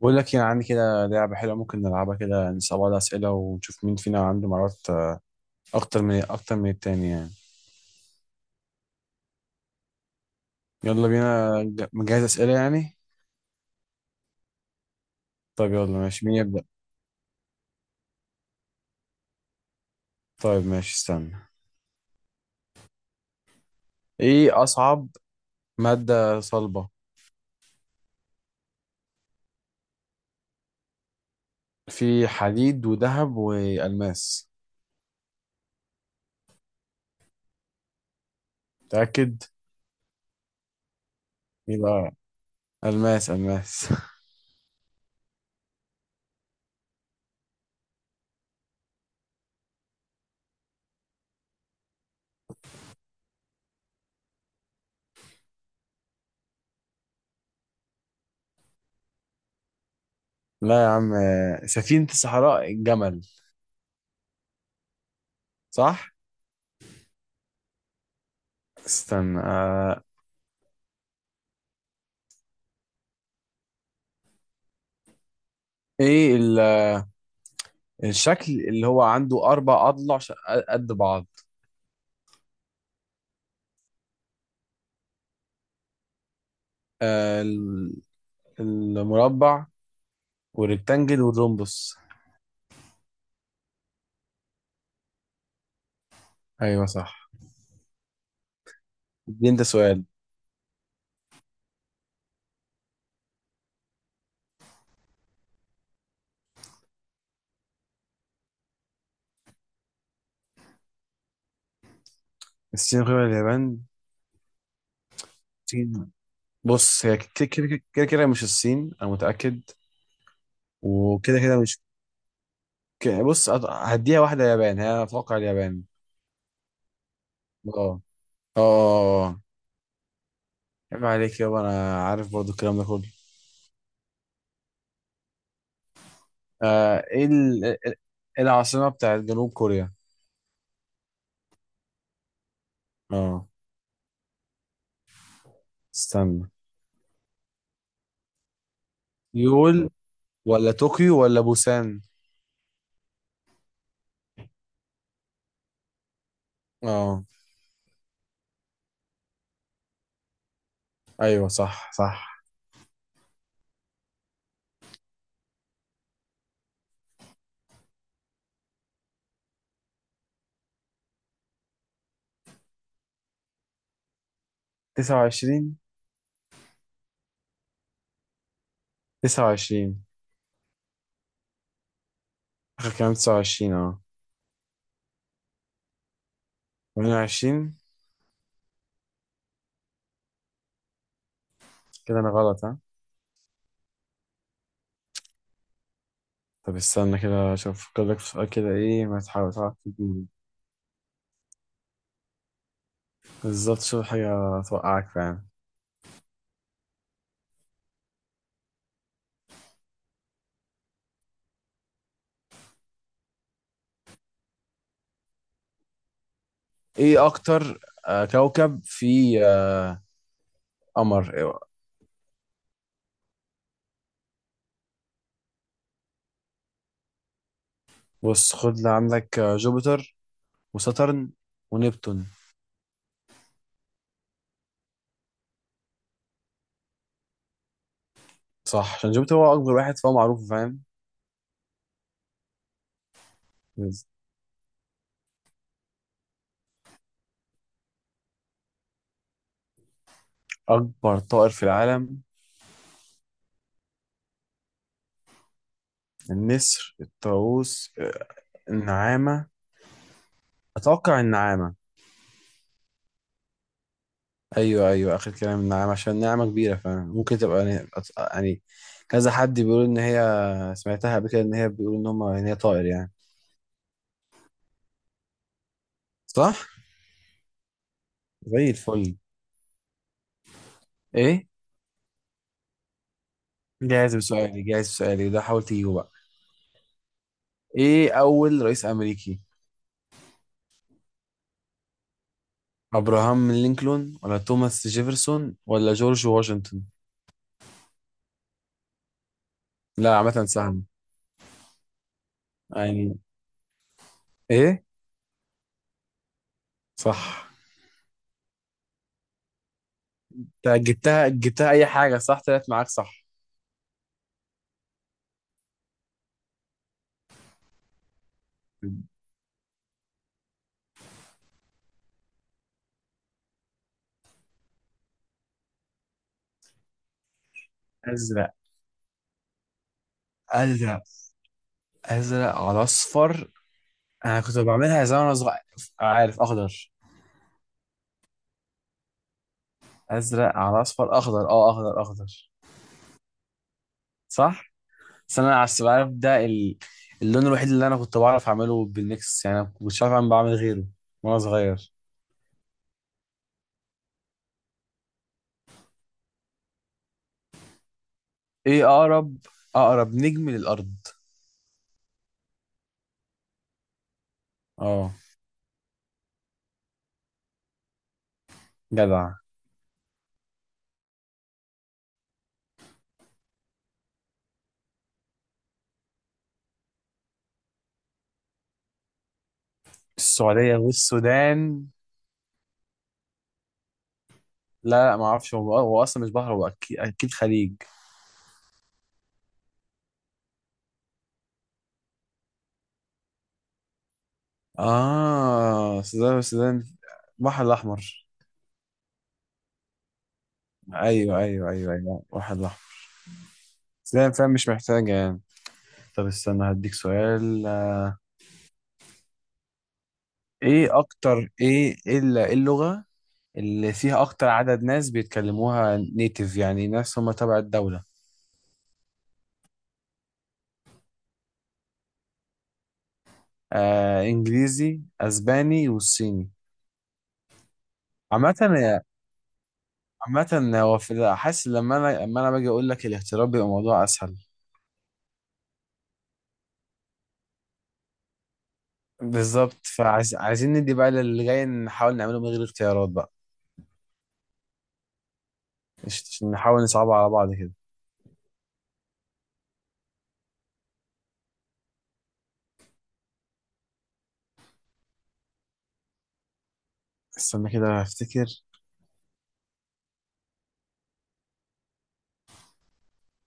بقول لك، يعني عندي كده لعبة حلوة ممكن نلعبها كده، نسأل بعض أسئلة ونشوف مين فينا عنده مهارات أكتر من التاني يعني. يلا بينا. مجهز أسئلة يعني. طيب يلا ماشي، مين يبدأ؟ طيب ماشي، استنى. إيه أصعب مادة صلبة؟ في حديد وذهب وألماس. متأكد؟ يبقى ألماس، ألماس. لا يا عم. سفينة الصحراء الجمل. صح. استنى. إيه الشكل اللي هو عنده أربع أضلع قد بعض؟ آه ال- المربع والريكتانجل والرومبوس. ايوه صح. دي انت سؤال. الصين غير اليابان. الصين، بص هي كده كده كده كده، مش الصين، انا متأكد. وكده كده مش كده. بص، هديها واحدة يابان، هي اتوقع اليابان. اه، اه، آه، آه، آه. عيب عليك يابا، انا عارف برضو الكلام ده كله. ايه العاصمة بتاعت جنوب كوريا؟ اه، استنى. يول ولا طوكيو ولا بوسان؟ اه، ايوه صح، صح. 29. 29 آخر كلام. 29 اه. 28. كده أنا غلط ها. طب استنى كده أشوف أفكر لك في سؤال كده، إيه ما تحاول تعرف تجيبه. بالظبط، شوف حاجة توقعك فعلا. إيه أكتر كوكب في آه، قمر. إيوه. بص خد اللي عندك. جوبيتر وساترن ونبتون. صح، عشان جوبيتر هو أكبر واحد فهو معروف، فاهم. بس. أكبر طائر في العالم؟ النسر، الطاووس، النعامة. أتوقع النعامة. ايوه ايوه اخر كلام نعم، عشان نعمه كبيره فممكن تبقى يعني. يعني كذا حد بيقول ان هي، سمعتها قبل كده ان هي بيقول ان هم، ان هي طائر يعني. صح. زي الفل. ايه؟ جاهز بسؤالي، جاهز بسؤالي. ده حاول تجيبه بقى. ايه اول رئيس امريكي؟ ابراهام لينكولن ولا توماس جيفرسون ولا جورج واشنطن؟ لا عامه سهل يعني. ايه؟ صح. انت جبتها، جبتها اي حاجه صح، طلعت معاك صح. ازرق. ازرق. ازرق على اصفر. انا كنت بعملها زمان وانا صغير، عارف. اخضر. ازرق على اصفر اخضر، اه اخضر اخضر. صح. بس انا عارف ده اللون الوحيد اللي انا كنت بعرف اعمله بالميكس، يعني انا مش عارف اعمل، بعمل غيره وانا صغير. ايه اقرب نجم للارض؟ اه، جدع. السعوديه والسودان. لا، لا، ما اعرفش. هو اصلا مش بحر، هو اكيد اكيد خليج. اه، السودان، والسودان. البحر الاحمر. ايوه، ايوه، ايوه، ايوه، البحر الاحمر. السودان، فاهم، مش محتاجه يعني. طب استنى هديك سؤال. ايه اكتر ايه ايه ال- إيه اللغة اللي فيها اكتر عدد ناس بيتكلموها نيتيف، يعني ناس هم تبع الدولة. انجليزي، اسباني، والصيني. عامة، عامة هو في، حاسس لما انا لما انا باجي اقول لك الاختيارات بيبقى الموضوع اسهل. بالظبط، فعايزين ندي بقى للي جاي نحاول نعمله من غير اختيارات بقى. عشان نحاول نصعبها على بعض كده. استنى كده افتكر.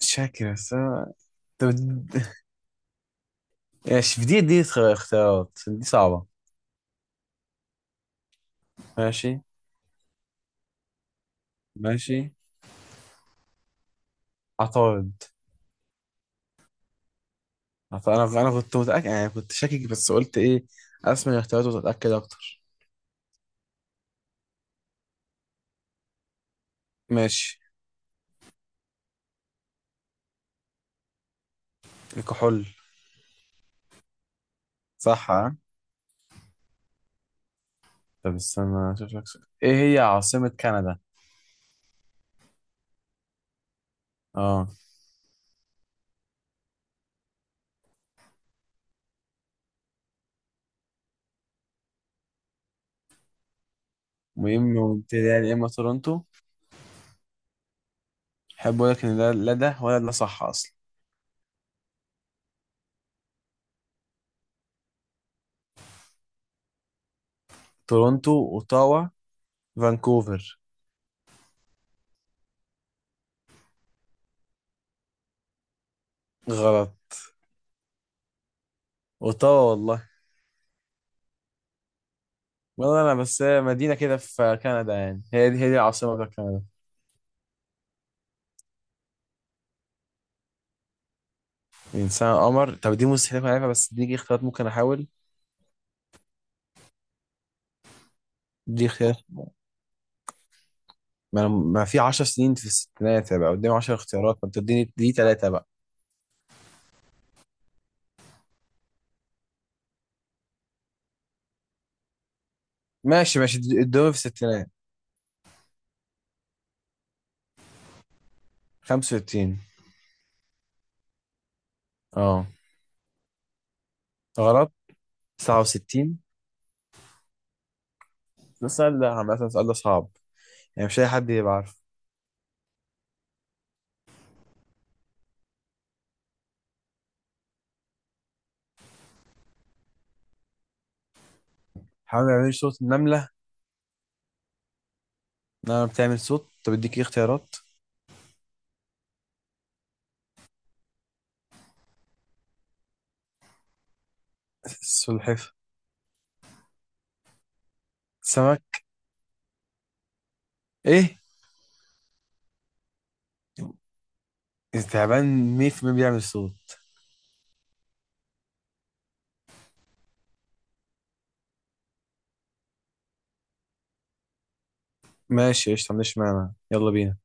شاكر بس طب. ماشي، في دي اختيارات دي صعبة. ماشي، ماشي. عطارد. انا كنت متاكد يعني، كنت شاكك بس قلت ايه، اسمع الاختيارات وتتاكد اكتر. ماشي. الكحول. صح ها. طب استنى اشوف لك سؤال. ايه هي عاصمه كندا؟ اه. يا اما مونتريال يا اما تورونتو. احب اقول لك ان ده، لا ده ولا ده صح اصلا. تورونتو، اوتاوا، فانكوفر. غلط. اوتاوا والله. والله انا بس هي مدينه كده في كندا يعني، هي دي العاصمه بتاعت كندا. انسان، قمر. طب دي مستحيل اكون عارفها، بس دي اختيارات ممكن احاول. دي اختيار. ما انا ما في 10 سنين في الستينات، هيبقى قدامي 10 اختيارات، ما بتديني دي ثلاثه بقى. ماشي، ماشي، قدامي في الستينات. 65. اه، غلط. 69. ده السؤال ده عامة، السؤال ده صعب يعني، مش اي حد يبقى عارف. حاول ما يعملش صوت. النملة. النملة بتعمل صوت. طب اديك ايه اختيارات؟ السلحفاة. سمك؟ ايه؟ التعبان 100% بيعمل صوت. ماشي قشطة، مش معنى يلا بينا.